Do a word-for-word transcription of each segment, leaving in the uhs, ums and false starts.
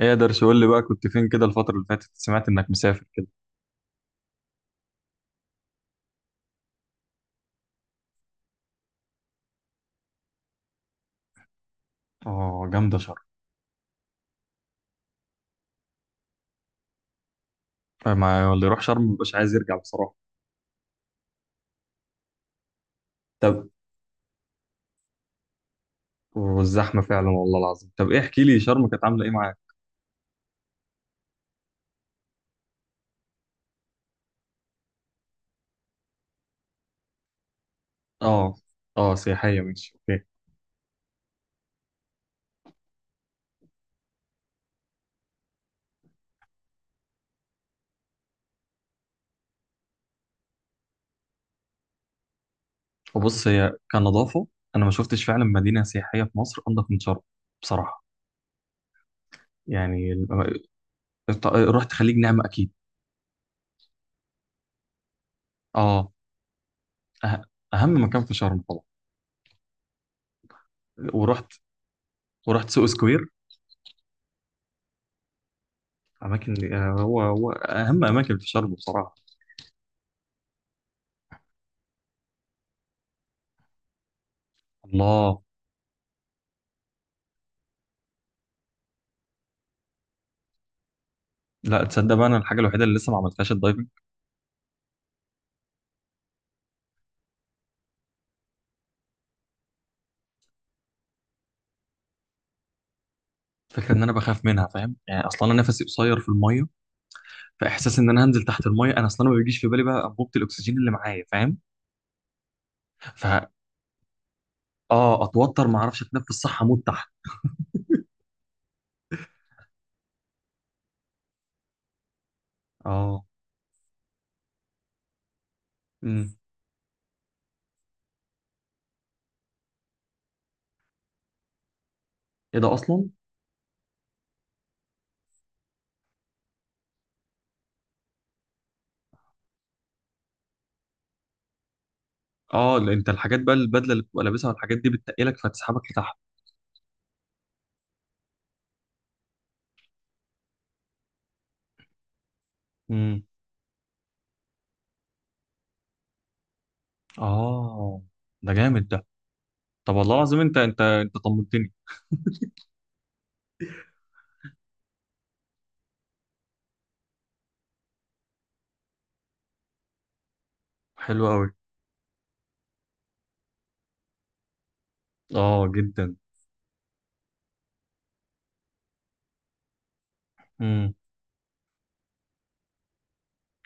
ايه درش، قول لي بقى، كنت فين كده الفترة اللي فاتت؟ سمعت انك مسافر كده. اه، جامدة شرم. آه، ما اللي يروح شرم مبقاش عايز يرجع بصراحة. طب. والزحمة فعلا، والله العظيم. طب ايه، احكي لي شرم كانت عاملة ايه معاك؟ اه. اه، سياحية، ماشي، اوكي. وبص، هي كنظافة، انا ما شفتش فعلا مدينة سياحية في مصر انضف من شرم، بصراحة. يعني ال- الط- رحت خليج نعمة اكيد. اه. أه- اهم مكان في شرم طبعا. ورحت ورحت سوق سكوير. اماكن، آه، هو هو اهم اماكن في شرم بصراحة. الله. لا تصدق بقى، انا الحاجه الوحيده اللي لسه ما عملتهاش الدايفنج. فكره ان انا بخاف منها، فاهم يعني، اصلا انا نفسي قصير في الميه. فاحساس ان انا هنزل تحت الميه، انا اصلا ما بيجيش في بالي بقى انبوبه الاكسجين اللي معايا، فاهم. ف اه، اتوتر، ما اعرفش اتنفس صح، اموت تحت. اه. امم ايه ده اصلا؟ اه، لأ، انت الحاجات بقى، البدله اللي بتبقى لابسها والحاجات دي بتتقلك فتسحبك لتحت. امم اه. ده جامد ده. طب والله العظيم، انت انت انت طمنتني. حلو قوي. اه، جدا. امم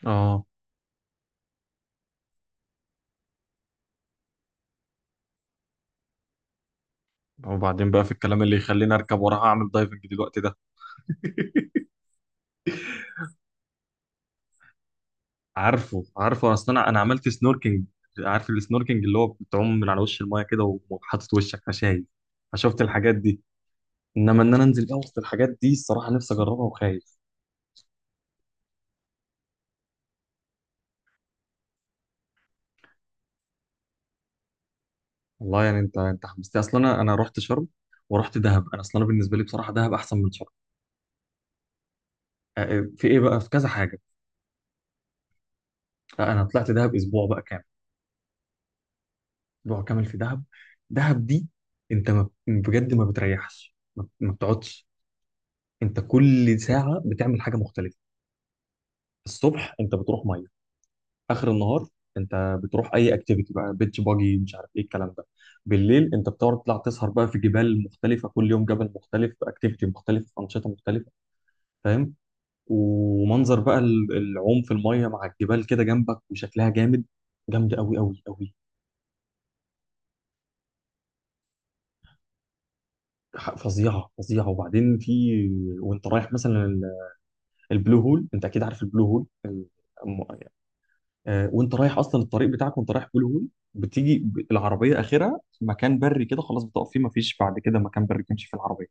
اه، وبعدين بقى في الكلام اللي يخليني اركب وراها اعمل دايفنج دلوقتي ده. عارفه عارفه، اصل انا انا عملت سنوركينج. عارف السنوركينج، اللي هو بتعوم من على وش المايه كده وحاطط وشك، فشايف. فشفت الحاجات دي. انما ان انا انزل بقى وسط الحاجات دي، الصراحه نفسي اجربها، وخايف. والله يعني، انت انت حمستني. اصلا انا انا رحت شرم، ورحت دهب. انا اصلا بالنسبه لي بصراحه، دهب احسن من شرم. أ- أ- في ايه بقى، في كذا حاجه. أ- انا طلعت دهب اسبوع بقى كامل. اسبوع كامل في دهب. دهب دي، انت ما بجد ما بتريحش، ما ما بتقعدش. انت كل ساعه بتعمل حاجه مختلفه. الصبح انت بتروح ميه. اخر النهار انت بتروح اي اكتيفيتي بقى، بيتش باجي، مش عارف ايه الكلام ده. بالليل انت بتقعد تطلع تسهر بقى في جبال مختلفه، كل يوم جبل مختلف، اكتيفيتي مختلف، انشطه مختلفه. فاهم. ومنظر بقى ال- العوم في الميه مع الجبال كده جنبك، وشكلها جامد. جامد قوي قوي قوي. ح- فظيعه فظيعه. وبعدين في، وانت رايح مثلا ال- البلو هول. انت اكيد عارف البلو هول ال- آه، وانت رايح اصلا الطريق بتاعك وانت رايح بلو هول، بتيجي ب- العربيه اخرها مكان بري كده، خلاص، بتقف فيه، مفيش بعد كده مكان بري تمشي فيه العربيه.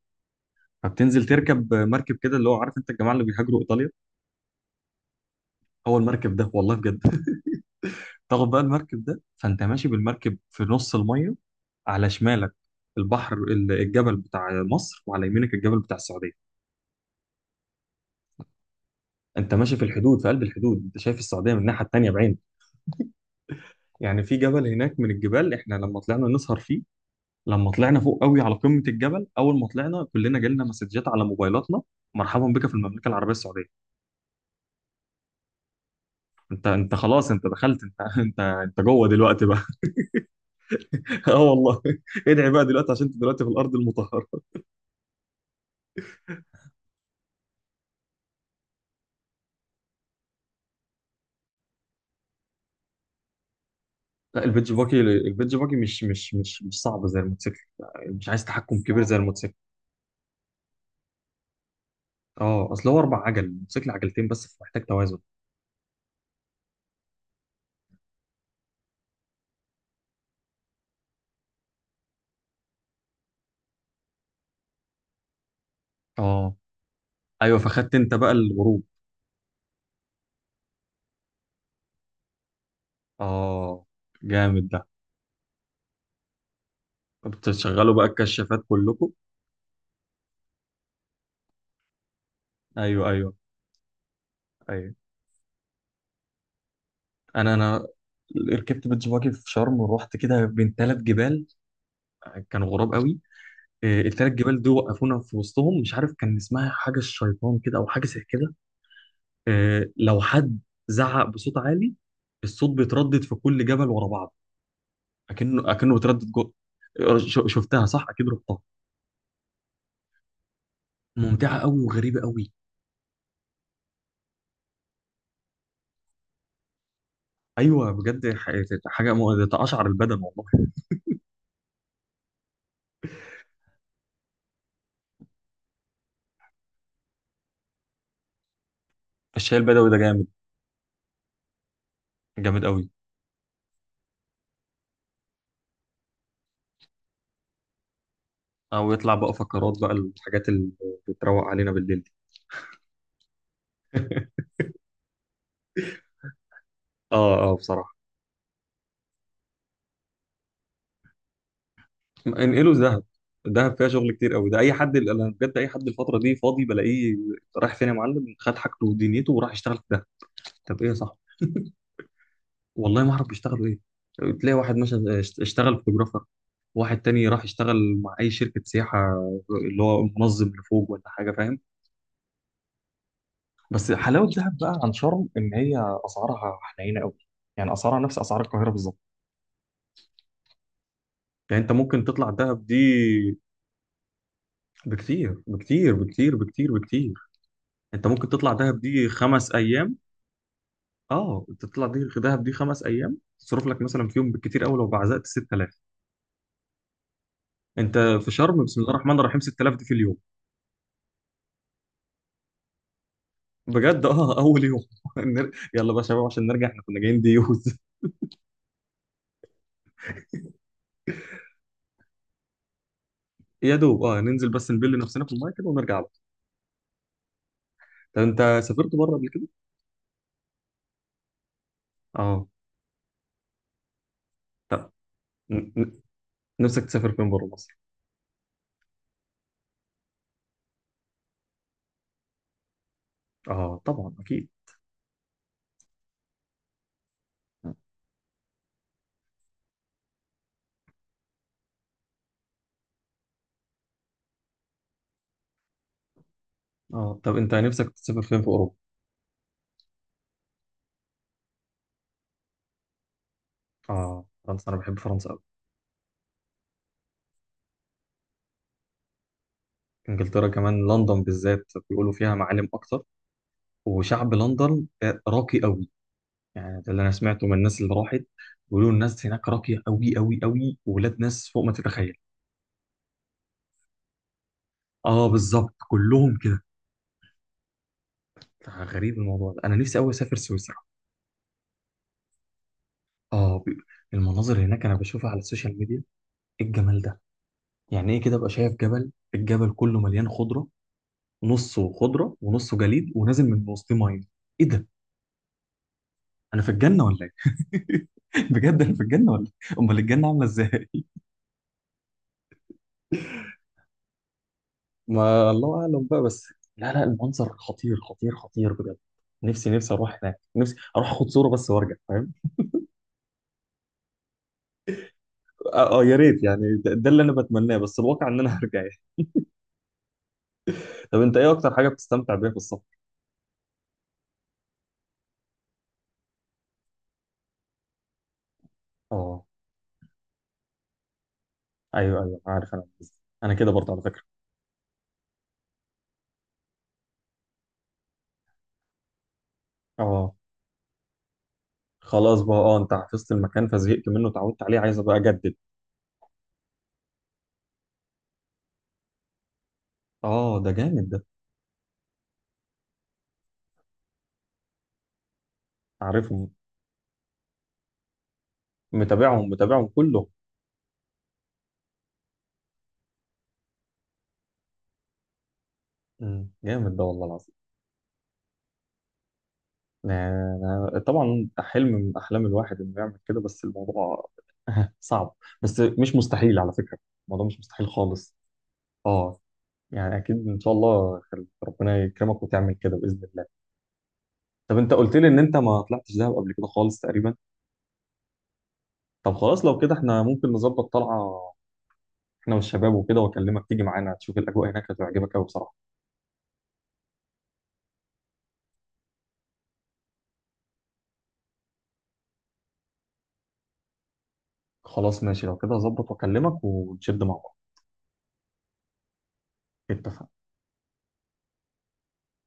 فبتنزل تركب آه، مركب كده، اللي هو عارف انت الجماعه اللي بيهاجروا ايطاليا. هو المركب ده، والله بجد. تاخد بقى المركب ده، فانت ماشي بالمركب في نص الميه، على شمالك البحر ال- الجبل بتاع مصر، وعلى يمينك الجبل بتاع السعوديه. انت ماشي في الحدود، في قلب الحدود، انت شايف السعوديه من الناحيه التانيه بعين. يعني في جبل هناك من الجبال احنا لما طلعنا نسهر فيه، لما طلعنا فوق قوي على قمه الجبل، اول ما طلعنا كلنا جالنا مسجات على موبايلاتنا: مرحبا بك في المملكه العربيه السعوديه. انت انت خلاص، انت دخلت، انت انت انت جوه دلوقتي بقى. اه والله. ادعي بقى دلوقتي عشان انت دلوقتي في الارض المطهره. لا، البيتش باجي، البيتش باجي مش مش مش مش صعب زي الموتوسيكل. مش عايز تحكم كبير، زي صعب زي الموتوسيكل. اه، اصل هو اربع عجل، الموتوسيكل عجلتين بس، فمحتاج توازن. اه، ايوه، فخدت انت بقى الغروب. اه، جامد ده. بتشغلوا بقى الكشافات كلكم؟ ايوه، ايوه، ايوه. انا انا ركبت بيتش باجي في شرم، ورحت كده بين ثلاث جبال. كانوا غراب قوي. آه، التلات جبال دول وقفونا في وسطهم، مش عارف كان اسمها حاجه الشيطان كده او حاجه زي كده. آه، لو حد زعق بصوت عالي، الصوت بيتردد في كل جبل ورا بعض، اكنه اكنه بيتردد جوه. ش- شفتها صح اكيد، رحتها. ممتعه قوي وغريبه قوي. ايوه بجد، ح- حاجه مؤ- تقشعر البدن والله. الشاي البدوي ده جامد. جامد قوي. او يطلع بقى فقرات بقى، الحاجات اللي بتروق علينا بالليل دي. اه، اه بصراحه. انقله دهب. دهب فيها شغل كتير قوي، ده اي حد، انا بجد اي حد الفتره دي فاضي بلاقيه رايح فين يا معلم، خد حاجته ودنيته وراح يشتغل في دهب. طب ايه يا صاحبي، والله ما اعرف بيشتغلوا ايه. تلاقي واحد مثلا اشت- اشتغل فوتوغرافر، واحد تاني راح يشتغل مع اي شركه سياحه، اللي هو منظم لفوق ولا حاجه، فاهم. بس حلاوه دهب بقى عن شرم ان هي اسعارها حنينه قوي. يعني اسعارها نفس اسعار القاهره بالظبط. يعني انت ممكن تطلع دهب دي، بكتير بكتير بكتير بكتير بكتير. انت ممكن تطلع دهب دي خمس ايام. اه، انت تطلع دي دهب دي خمس ايام، تصرف لك مثلا في يوم بالكتير قوي لو بعزقت ستة آلاف. انت في شرم، بسم الله الرحمن الرحيم، ستة آلاف دي في اليوم. بجد، اه اول يوم. نر- يلا بقى يا شباب عشان نرجع، احنا كنا جايين ديوز. يا دوب، اه، ننزل بس نبل نفسنا في المايه كده ونرجع بقى. طب انت سافرت بره قبل كده؟ اه. ن- ن- نفسك تسافر فين بره مصر؟ اه طبعا اكيد. اه، طب انت نفسك تسافر فين في اوروبا؟ اه، فرنسا، انا بحب فرنسا قوي. انجلترا كمان، لندن بالذات بيقولوا فيها معالم اكتر، وشعب لندن، آه، راقي قوي. يعني ده اللي انا سمعته من الناس اللي راحت، بيقولوا الناس هناك راقيه قوي قوي قوي، وولاد ناس فوق ما تتخيل. اه بالظبط، كلهم كده. غريب الموضوع ده، انا نفسي قوي اسافر سويسرا. اه. بي- المناظر هناك انا بشوفها على السوشيال ميديا، ايه الجمال ده؟ يعني ايه كده، ابقى شايف جبل، الجبل كله مليان خضره، نصه خضره ونصه جليد ونازل من وسط ميه. ايه ده، انا في الجنه ولا ايه؟ بجد انا في الجنه ولا إيه؟ امال الجنه عامله ازاي؟ ما الله اعلم بقى بس، لا لا، المنظر خطير خطير خطير بجد. نفسي نفسي اروح هناك، نفسي اروح اخد صوره بس وارجع، فاهم. اه, آه يا ريت يعني. ده، ده اللي انا بتمناه، بس الواقع ان انا هرجع يعني. طب انت ايه اكتر حاجه بتستمتع بيها في السفر؟ اه، ايوه ايوه، عارف انا قصدي. انا كده برضه على فكره. اه، خلاص بقى، اه انت حفظت المكان فزهقت منه، اتعودت عليه، عايز ابقى اجدد. اه، ده جامد ده. عارفهم. متابعهم متابعهم كله. مم، جامد ده والله العظيم. آه، طبعا، حلم من احلام الواحد انه يعمل كده، بس الموضوع، صعب. بس مش مستحيل على فكره. الموضوع مش مستحيل خالص. اه يعني، اكيد ان شاء الله، خل- ربنا يكرمك وتعمل كده باذن الله. طب انت قلت لي ان انت ما طلعتش دهب قبل كده خالص تقريبا. طب خلاص، لو كده احنا ممكن نظبط طلعه، احنا والشباب وكده، واكلمك تيجي معانا تشوف الاجواء هناك، هتعجبك قوي بصراحه. خلاص ماشي، لو كده هظبط واكلمك، ونشد مع بعض. اتفقنا.